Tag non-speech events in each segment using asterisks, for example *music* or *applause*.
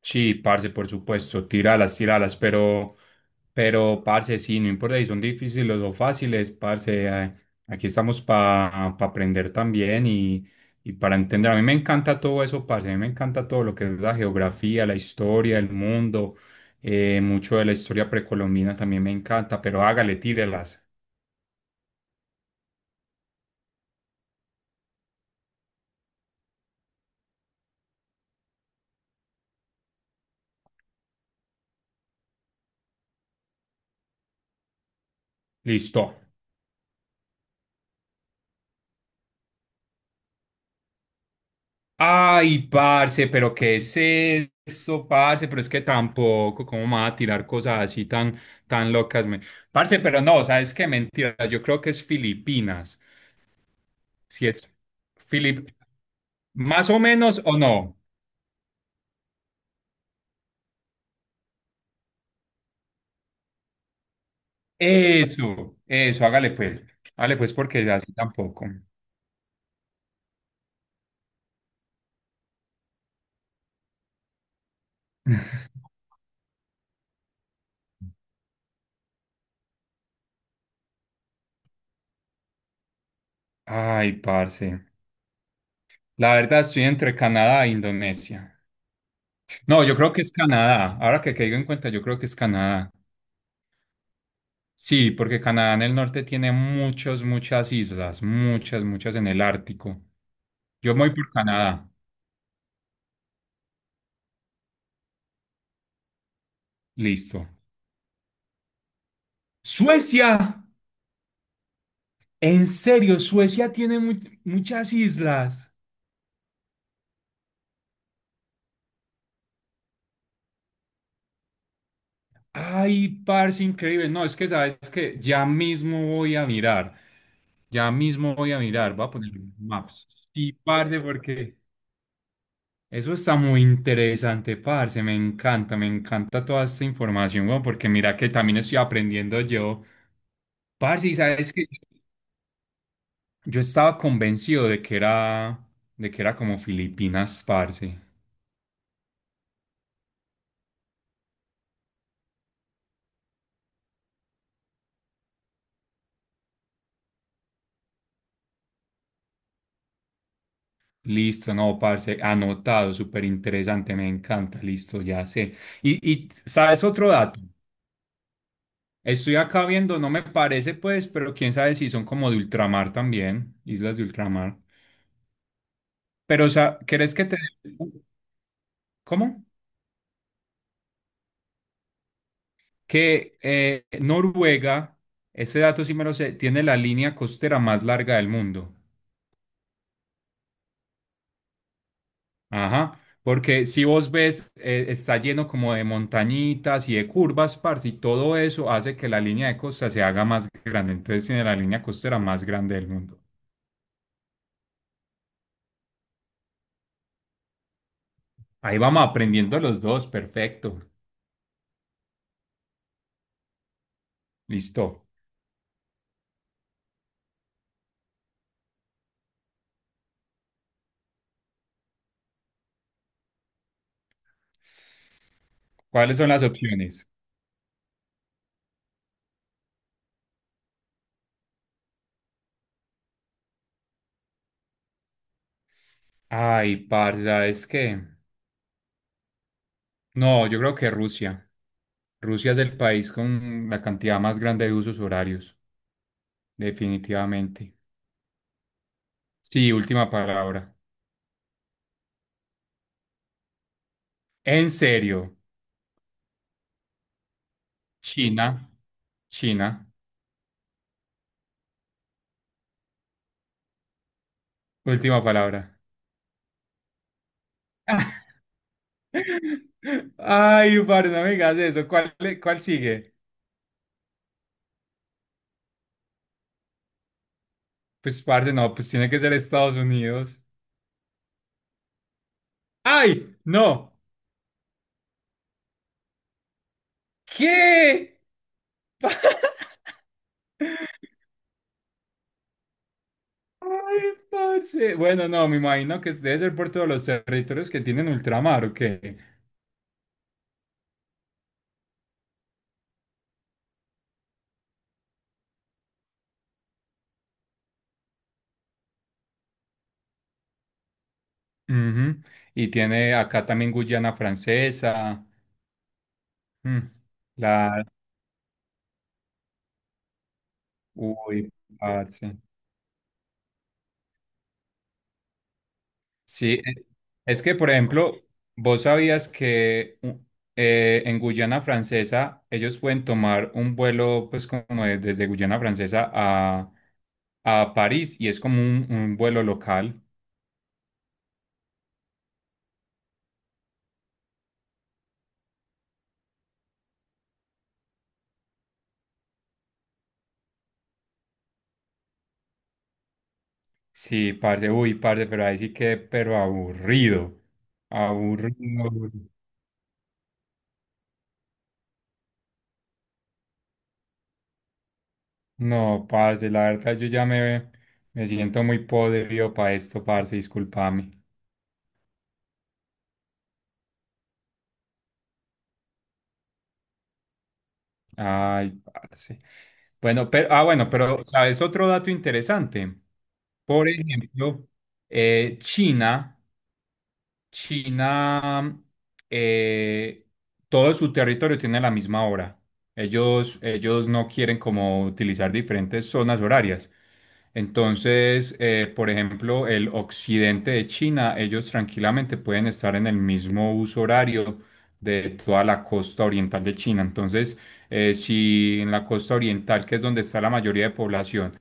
Sí, parce, por supuesto, tíralas, tíralas, pero, parce, sí, no importa si son difíciles o fáciles, parce, aquí estamos para aprender también y para entender. A mí me encanta todo eso, parce, a mí me encanta todo lo que es la geografía, la historia, el mundo, mucho de la historia precolombina también me encanta, pero hágale, tírelas. Listo. Ay, parce, pero ¿qué es eso, parce? Pero es que tampoco, ¿cómo me va a tirar cosas así tan locas? Parce, pero no, ¿sabes qué? Mentira, yo creo que es Filipinas. Si es Filip... ¿Más o menos o no? Eso, hágale pues. Hágale pues porque así tampoco. *laughs* Ay, parce. La verdad estoy entre Canadá e Indonesia. No, yo creo que es Canadá. Ahora que caigo en cuenta, yo creo que es Canadá. Sí, porque Canadá en el norte tiene muchas, muchas islas, muchas, muchas en el Ártico. Yo me voy por Canadá. Listo. Suecia, en serio, Suecia tiene muchas islas. Ay, parce, increíble. No, es que sabes que ya mismo voy a mirar. Ya mismo voy a mirar. Voy a poner maps. Sí, parce, porque eso está muy interesante, parce. Me encanta toda esta información, weón, porque mira que también estoy aprendiendo yo. Parce, y sabes que yo estaba convencido de que era como Filipinas, parce. Listo, no, parce, anotado, súper interesante, me encanta, listo, ya sé. ¿Sabes otro dato? Estoy acá viendo, no me parece, pues, pero quién sabe si son como de ultramar también, islas de ultramar. Pero, o sea, ¿crees que te... ¿Cómo? Que Noruega, este dato sí me lo sé, tiene la línea costera más larga del mundo. Ajá, porque si vos ves, está lleno como de montañitas y de curvas, parce, y todo eso hace que la línea de costa se haga más grande. Entonces tiene la línea costera más grande del mundo. Ahí vamos aprendiendo los dos, perfecto. Listo. ¿Cuáles son las opciones? Ay, parce, es que... No, yo creo que Rusia. Rusia es el país con la cantidad más grande de usos horarios. Definitivamente. Sí, última palabra. En serio, China, China, última palabra. *laughs* Ay, parce, no me digas eso. ¿Cuál sigue? Pues, parce, no, pues tiene que ser Estados Unidos. ¡Ay! ¡No! ¿Qué? *laughs* ¡Ay, parce! Bueno, no, me imagino que debe ser por todos los territorios que tienen ultramar, ¿o qué? Ujú. Y tiene acá también Guyana Francesa. mm, La, Uy, parce. Sí, es que, por ejemplo, vos sabías que u- en Guyana Francesa ellos pueden tomar un vuelo, pues, desde Guyana Francesa a París y es como un vuelo local. Sí, parce, uy, parce, pero ahí sí que, pero aburrido. Aburrido, aburrido. No, parce, la verdad, me siento muy podrido para esto, parce, discúlpame. Ay, parce. Bueno, pero, ah, bueno, pero, ¿sabes? Otro dato interesante. Por ejemplo, China. China, eh, todo su territorio tiene la misma hora. Ellos no quieren como utilizar diferentes zonas horarias. Entonces, por ejemplo, el occidente de China, ellos tranquilamente pueden estar en el mismo uso horario de toda la costa oriental de China. Entonces, si en la costa oriental, que es donde está la mayoría de población,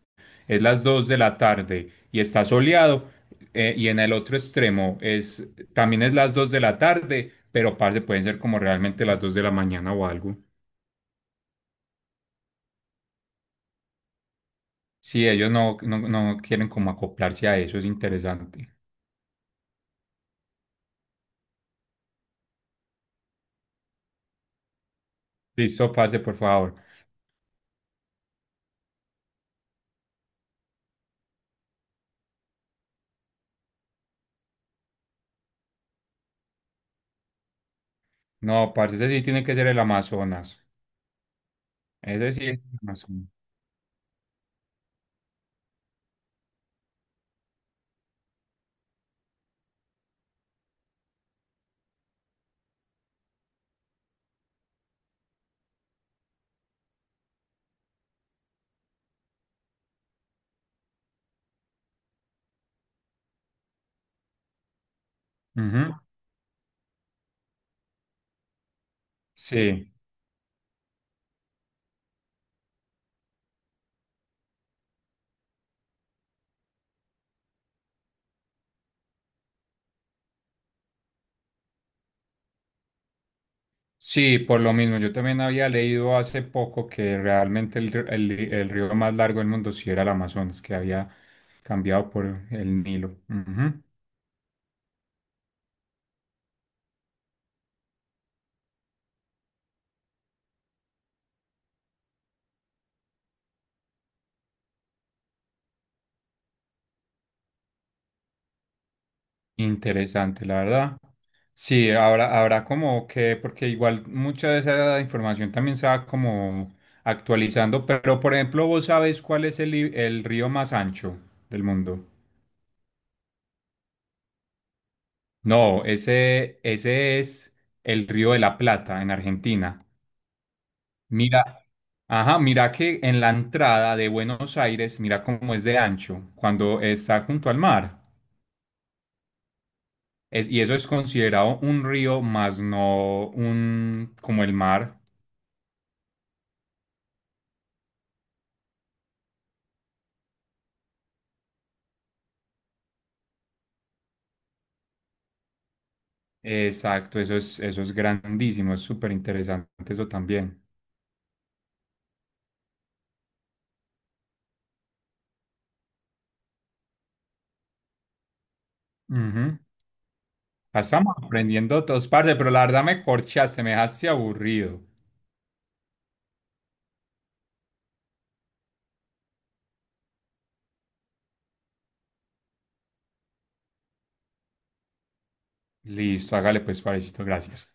es las 2 de la tarde y está soleado, y en el otro extremo también es las 2 de la tarde, pero parce, pueden ser como realmente las 2 de la mañana o algo. Si ellos no quieren como acoplarse a eso, es interesante. Listo, parce, por favor. No, parce, ese sí tiene que ser el Amazonas. Ese sí es el Amazonas. Ujú. Sí, sí, por lo mismo. Yo también había leído hace poco que realmente el río más largo del mundo sí era el Amazonas, que había cambiado por el Nilo. Ujú. Interesante, la verdad. Sí, habrá como que, porque igual mucha de esa información también se va como actualizando, pero por ejemplo, ¿vos sabés cuál es el río más ancho del mundo? No, ese es el río de la Plata en Argentina. Mira, ajá, mira que en la entrada de Buenos Aires, mira cómo es de ancho cuando está junto al mar. Y eso es considerado un río más no un como el mar. Exacto, eso es grandísimo, es súper interesante eso también. Ujú. Estamos aprendiendo todos, parce, pero la verdad me corchaste, me dejaste aburrido. Listo, hágale pues, parecito, gracias.